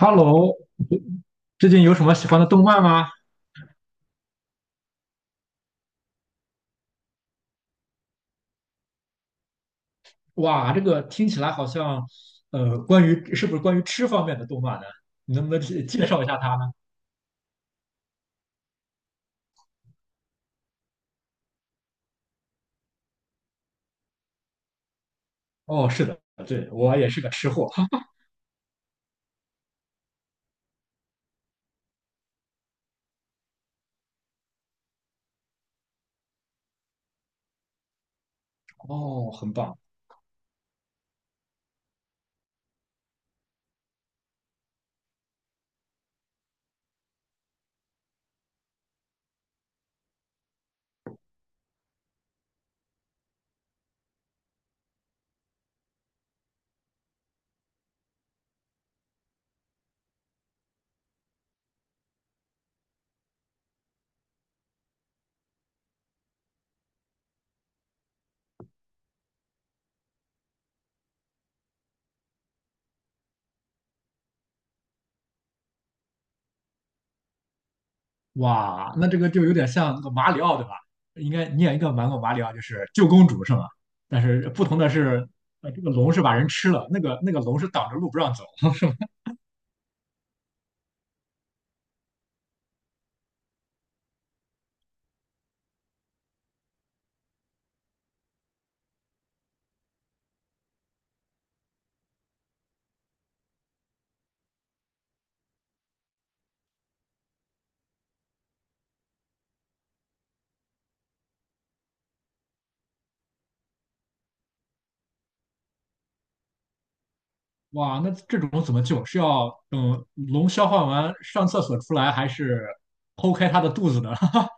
Hello，最近有什么喜欢的动漫吗？哇，这个听起来好像，关于吃方面的动漫呢？你能不能介绍一下它呢？哦，是的，对，我也是个吃货。哦，很棒。哇，那这个就有点像那个马里奥，对吧？你应该玩过马里奥，就是救公主是吗？但是不同的是，这个龙是把人吃了，那个龙是挡着路不让走。哇，那这种怎么救？是要等龙消化完上厕所出来，还是剖开它的肚子呢？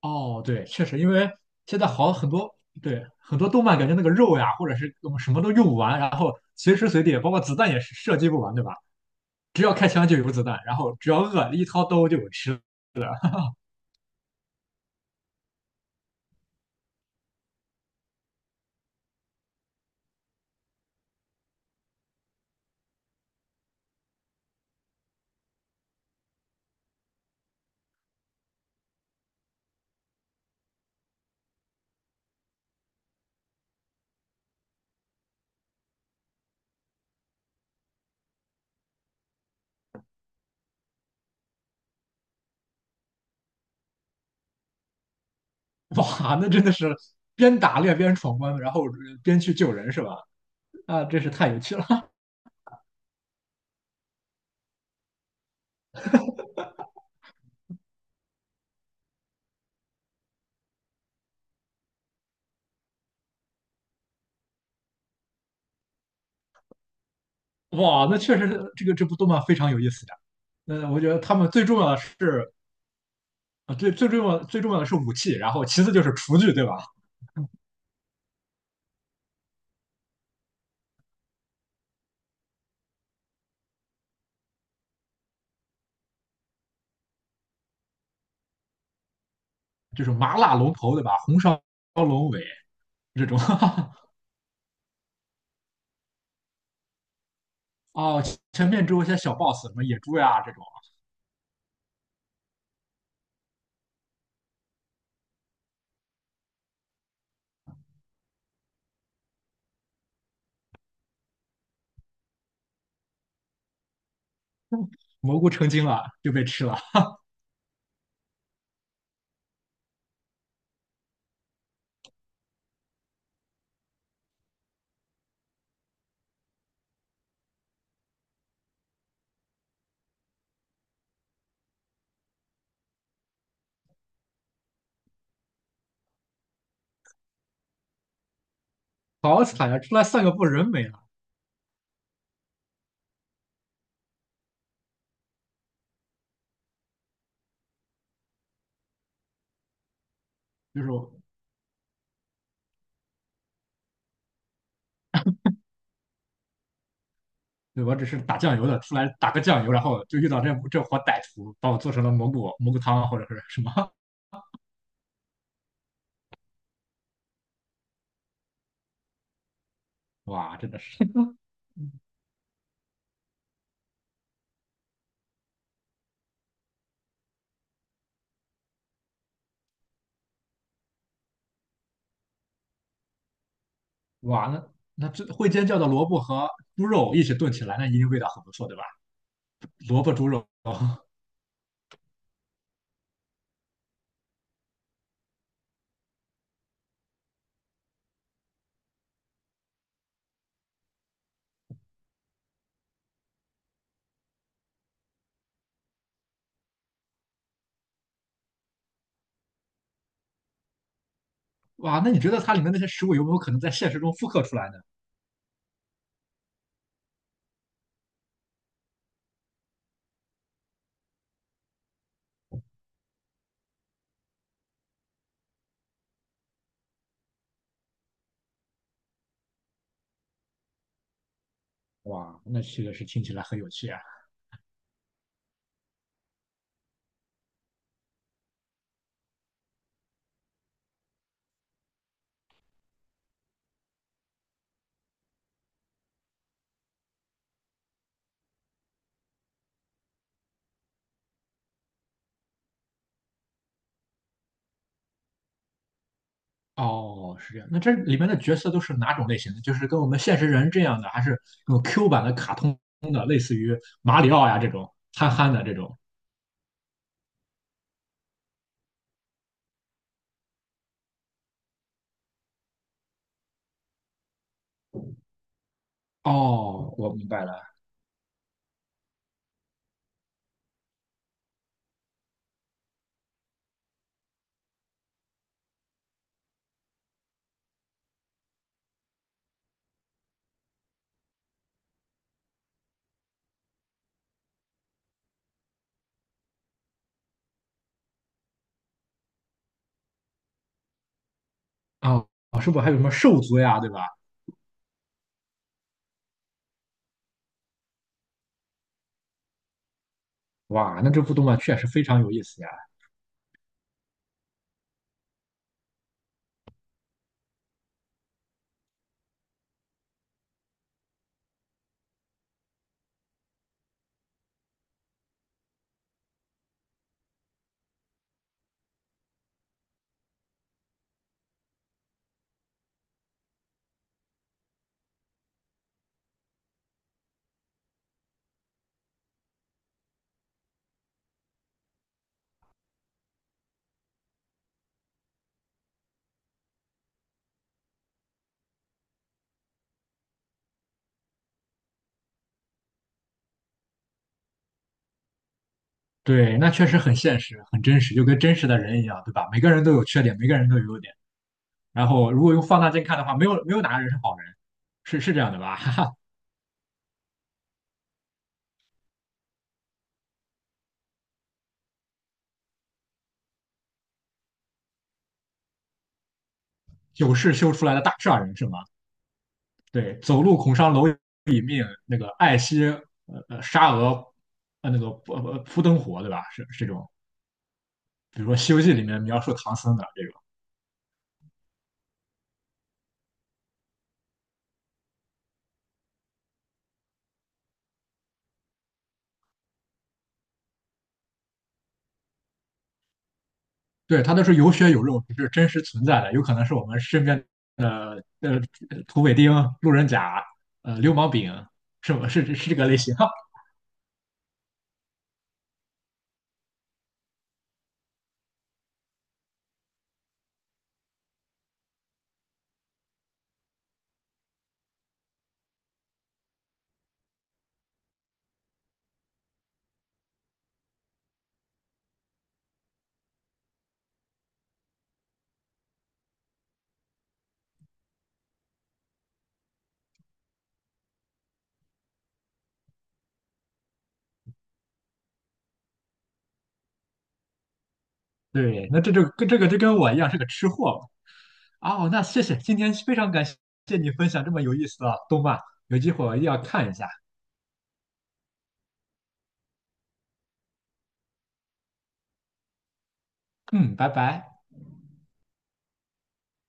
哦，对，确实，因为现在好很多，对，很多动漫感觉那个肉呀，或者是嗯什么都用不完，然后随时随地，包括子弹也是射击不完，对吧？只要开枪就有子弹，然后只要饿，一掏兜就有吃的。哇，那真的是边打猎边闯关，然后边去救人，是吧？啊，真是太有趣了。哇，那确实是这部动漫非常有意思。那我觉得他们最重要的是啊，最重要的是武器，然后其次就是厨具，对吧？就是麻辣龙头，对吧？红烧龙尾这种。哦，前面只有一些小 boss，什么野猪呀这种，蘑菇成精了就被吃了，好惨呀！出来散个步人没了，就是对我只是打酱油的，出来打个酱油，然后就遇到这伙歹徒，把我做成了蘑菇汤或者是什么，哇，真的是哇，那这会尖叫的萝卜和猪肉一起炖起来，那一定味道很不错，对吧？萝卜猪肉，哇，那你觉得它里面那些食物有没有可能在现实中复刻出来呢？哇，那这个是听起来很有趣啊。哦，是这样。那这里面的角色都是哪种类型的？就是跟我们现实人这样的，还是那种 Q 版的卡通的，类似于马里奥呀这种憨憨的这种？哦，我明白了。哦，是不是还有什么兽族呀，对吧？哇，那这部动漫确实非常有意思呀。对，那确实很现实，很真实，就跟真实的人一样，对吧？每个人都有缺点，每个人都有优点。然后如果用放大镜看的话，没有哪个人是好人，是是这样的吧？哈哈，有事修出来的大善人是吗？对，走路恐伤蝼蚁命，那个爱惜沙俄呃那个呃扑灯火对吧？是是这种，比如说《西游记》里面描述唐僧的这种，对，他都是有血有肉，是真实存在的，有可能是我们身边的土匪丁、路人甲、流氓丙，是吧？是是这个类型。对，那这就跟我一样是个吃货嘛。哦，那谢谢，今天非常感谢你分享这么有意思的动漫，有机会我一定要看一下。嗯，拜拜。